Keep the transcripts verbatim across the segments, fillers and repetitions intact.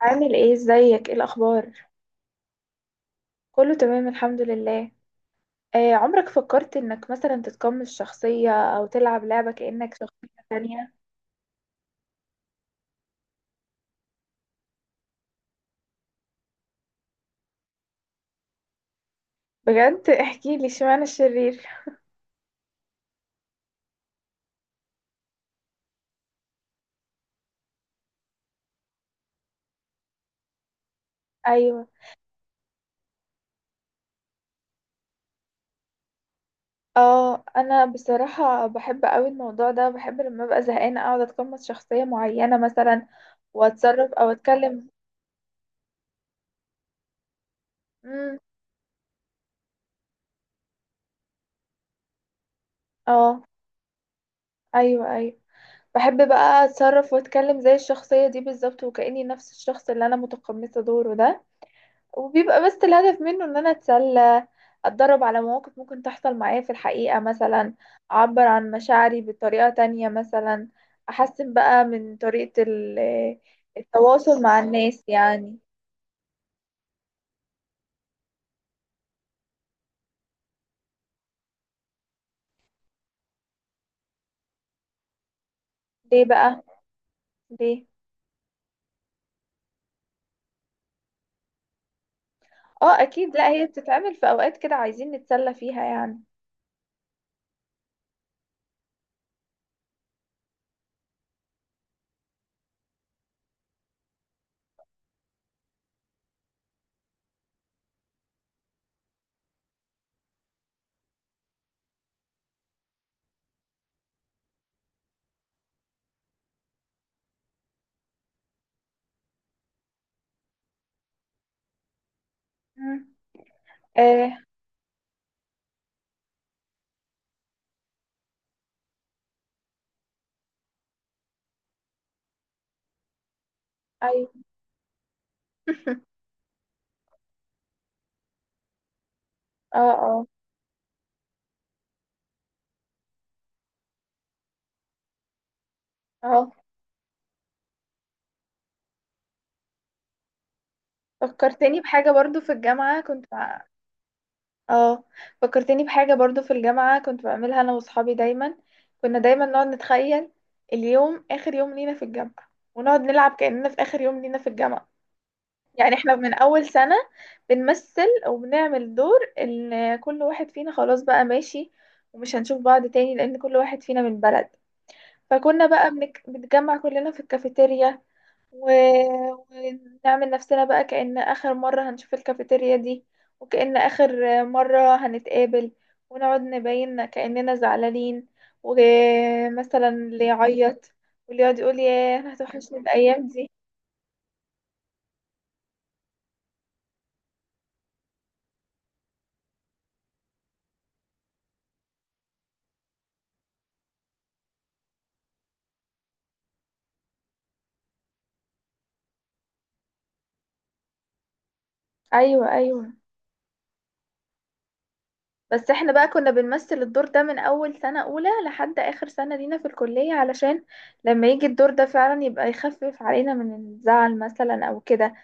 عامل ايه؟ ازيك؟ ايه الاخبار؟ كله تمام، الحمد لله. آه، عمرك فكرت انك مثلا تتقمص شخصية او تلعب لعبة كأنك شخصية تانية؟ بجد؟ احكي لي، اشمعنى الشرير؟ ايوه. اه، انا بصراحة بحب قوي الموضوع ده. بحب لما ابقى زهقانة اقعد اتقمص شخصية معينة مثلا، واتصرف او اتكلم. امم. اه. ايوه، ايوه. بحب بقى اتصرف واتكلم زي الشخصية دي بالظبط، وكأني نفس الشخص اللي انا متقمصة دوره ده. وبيبقى بس الهدف منه ان انا اتسلى، اتدرب على مواقف ممكن تحصل معايا في الحقيقة مثلا، اعبر عن مشاعري بطريقة تانية مثلا، احسن بقى من طريقة ال- التواصل مع الناس يعني. ليه بقى؟ ليه؟ اه اكيد، لا هي بتتعمل في اوقات كده عايزين نتسلى فيها يعني. مم. آه. ايوه. اه، اه. اه. فكرتني بحاجة برضو في الجامعة كنت مع. اه. فكرتني بحاجة برضو في الجامعة كنت بعملها انا واصحابي دايما. كنا دايما نقعد نتخيل اليوم اخر يوم لينا في الجامعة، ونقعد نلعب كأننا في اخر يوم لينا في الجامعة. يعني احنا من اول سنة بنمثل وبنعمل دور ان كل واحد فينا خلاص بقى ماشي، ومش هنشوف بعض تاني لان كل واحد فينا من بلد. فكنا بقى بنك... بنتجمع كلنا في الكافيتيريا. و... ونعمل نفسنا بقى كأن آخر مرة هنشوف الكافيتيريا دي، وكأن آخر مرة هنتقابل، ونقعد نبين كأننا زعلانين، ومثلا اللي يعيط، واللي يقعد يقول: ياه، أنا هتوحشني الأيام دي. أيوة، أيوة. بس احنا بقى كنا بنمثل الدور ده من أول سنة أولى لحد آخر سنة لينا في الكلية، علشان لما يجي الدور ده فعلا يبقى يخفف علينا من الزعل مثلا أو كده.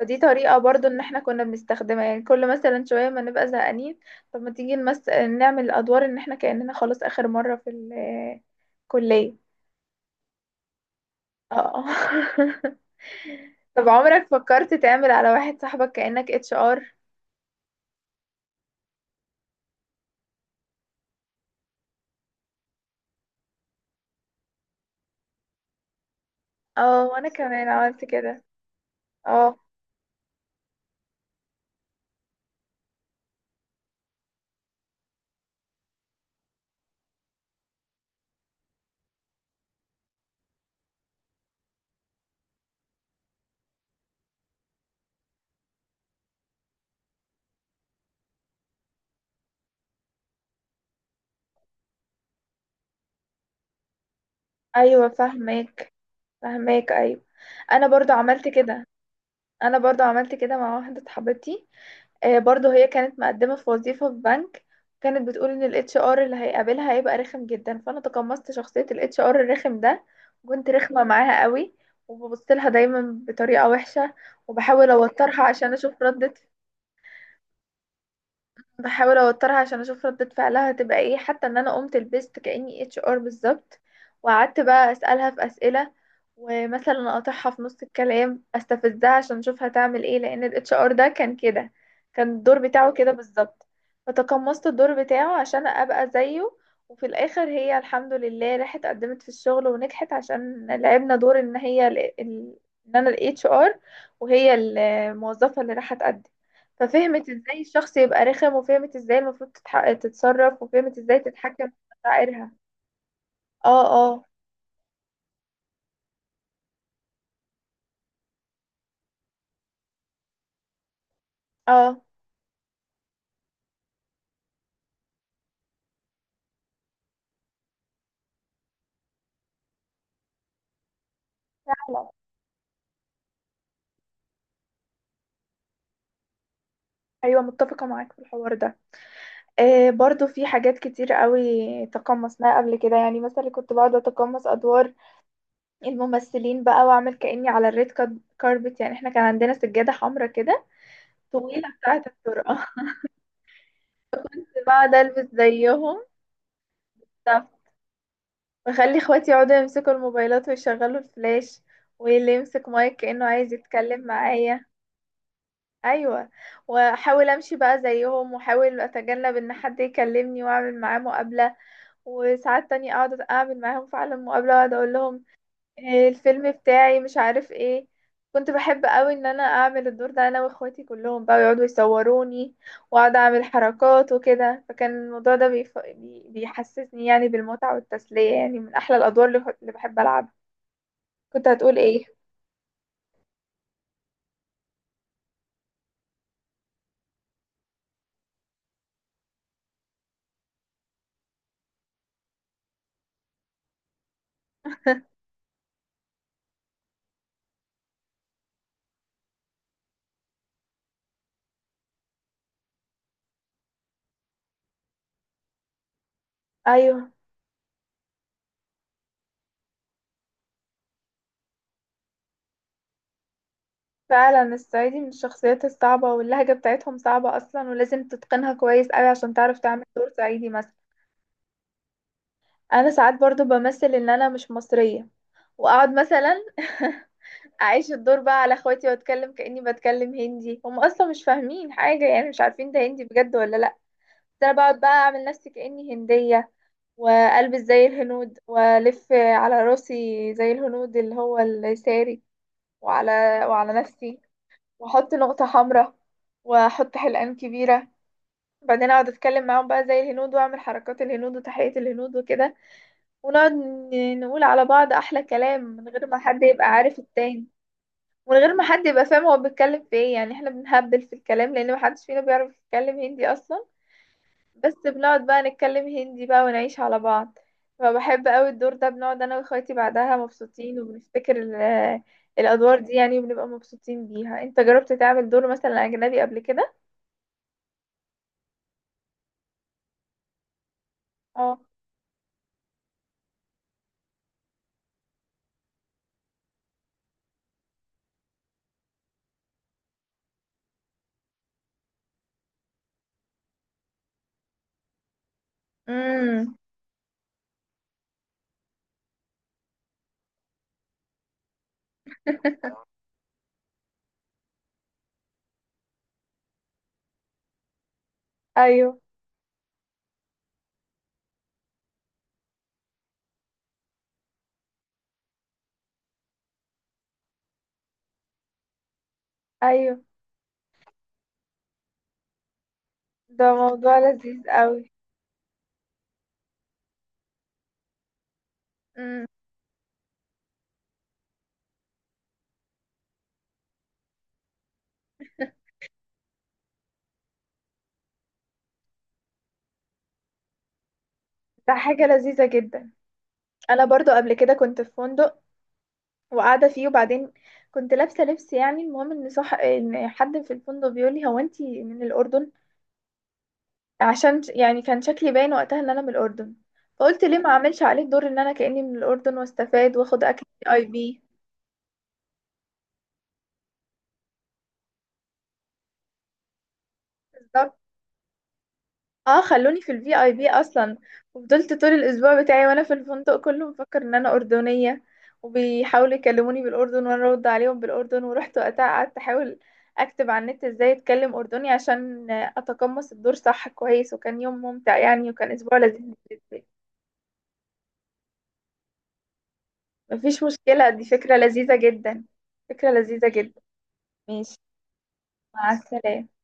فدي طريقة برضو ان احنا كنا بنستخدمها، يعني كل مثلا شوية ما نبقى زهقانين. طب ما تيجي نمس... نعمل الادوار ان احنا كأننا خلاص اخر مرة في الكلية. اه. طب عمرك فكرت تعمل على واحد صاحبك كأنك اتش ار؟ اه، وانا كمان عملت كده. اه، ايوه فاهماك، فاهماك ايوه. انا برضو عملت كده انا برضو عملت كده مع واحدة صاحبتي. آه، برضو هي كانت مقدمة في وظيفة في بنك. كانت بتقول ان الاتش ار اللي هيقابلها هيبقى رخم جدا، فانا تقمصت شخصية الاتش ار الرخم ده. وكنت رخمة معاها قوي. وببص لها دايما بطريقة وحشة. وبحاول اوترها عشان اشوف ردة بحاول اوترها عشان اشوف ردة فعلها هتبقى ايه، حتى ان انا قمت لبست كأني اتش ار بالظبط. وقعدت بقى اسألها في اسئلة. ومثلا اقاطعها في نص الكلام استفزها عشان اشوف هتعمل ايه، لان الاتش ار ده كان كده. كان الدور بتاعه كده بالظبط. فتقمصت الدور بتاعه عشان ابقى زيه. وفي الاخر هي الحمد لله راحت قدمت في الشغل ونجحت، عشان لعبنا دور ان هي ال... ال- ان انا الاتش ار، وهي الموظفة اللي راحت تقدم. ففهمت ازاي الشخص يبقى رخم، وفهمت ازاي المفروض تتح... تتصرف، وفهمت ازاي تتحكم في مشاعرها. اه، اه. اه. فعلا. ايوه متفقه معاك في الحوار ده. آه، برضو في حاجات كتير قوي تقمصناها قبل كده يعني، مثلا كنت بقعد اتقمص ادوار الممثلين بقى واعمل كاني على الريد كار- كاربت، يعني احنا كان عندنا سجاده حمراء كده طويله بتاعه الطرقه. كنت بقعد البس زيهم. بخلي اخواتي يقعدوا يمسكوا الموبايلات ويشغلوا الفلاش، واللي يمسك مايك كأنه عايز يتكلم معايا. ايوه. واحاول امشي بقى زيهم، واحاول اتجنب ان حد يكلمني واعمل معاه مقابله. وساعات تانية اقعد اعمل معاهم فعلا مقابله، واقعد اقول لهم: إيه الفيلم بتاعي؟ مش عارف ايه. كنت بحب قوي ان انا اعمل الدور ده، انا واخواتي كلهم بقى يقعدوا يصوروني، واقعد اعمل حركات وكده. فكان الموضوع ده بيف... بي... بيحسسني يعني بالمتعة والتسلية، يعني من احلى الادوار اللي, اللي بحب العبها. كنت هتقول ايه؟ ايوه فعلا، الصعيدي من الشخصيات الصعبة، واللهجة بتاعتهم صعبة اصلا، ولازم تتقنها كويس قوي عشان تعرف تعمل دور صعيدي مثلا. انا ساعات برضو بمثل ان انا مش مصرية. واقعد مثلا اعيش الدور بقى على اخواتي، واتكلم كاني بتكلم هندي. هم اصلا مش فاهمين حاجه، يعني مش عارفين ده هندي بجد ولا لا. بس انا بقعد بقى اعمل نفسي كاني هنديه. والبس زي الهنود والف على راسي زي الهنود اللي هو الساري. وعلى وعلى نفسي. واحط نقطه حمراء. واحط حلقان كبيره. بعدين اقعد اتكلم معاهم بقى زي الهنود، واعمل حركات الهنود وتحية الهنود وكده. ونقعد ن- نقول على بعض احلى كلام من غير ما حد يبقى عارف التاني. من غير ما حد يبقى فاهم هو بيتكلم في ايه، يعني احنا بنهبل في الكلام لان محدش فينا بيعرف يتكلم هندي اصلا. بس بنقعد بقى نتكلم هندي بقى ونعيش على بعض. فبحب قوي الدور ده، بنقعد انا واخواتي بعدها مبسوطين وبنفتكر ال- آه، الادوار دي يعني، وبنبقى مبسوطين بيها. انت جربت تعمل دور مثلا اجنبي قبل كده؟ اه. امم. ايوه، ايوه. ده موضوع لذيذ قوي. امم. ده حاجة لذيذة جدا. انا برضو قبل كده كنت في فندق وقاعده فيه، وبعدين كنت لابسه لبس يعني، المهم ان صح ان حد في الفندق بيقول لي: هو انتي من الاردن؟ عشان ش- يعني كان شكلي باين وقتها ان انا من الاردن. فقلت ليه ما اعملش عليه دور ان انا كاني من الاردن واستفاد واخد اكل اي بي. بالظبط. اه، خلوني في الفي اي بي اصلا. وفضلت طول الاسبوع بتاعي وانا في الفندق كله مفكر ان انا اردنيه. وبيحاولوا يكلموني بالاردن وانا ارد عليهم بالاردن، ورحت وقتها قعدت احاول اكتب على النت ازاي اتكلم اردني عشان اتقمص الدور صح كويس، وكان يوم ممتع يعني، وكان اسبوع لذيذ بالنسبه لي. مفيش مشكله، دي فكره لذيذه جدا. فكره لذيذه جدا. ماشي. مع السلامه.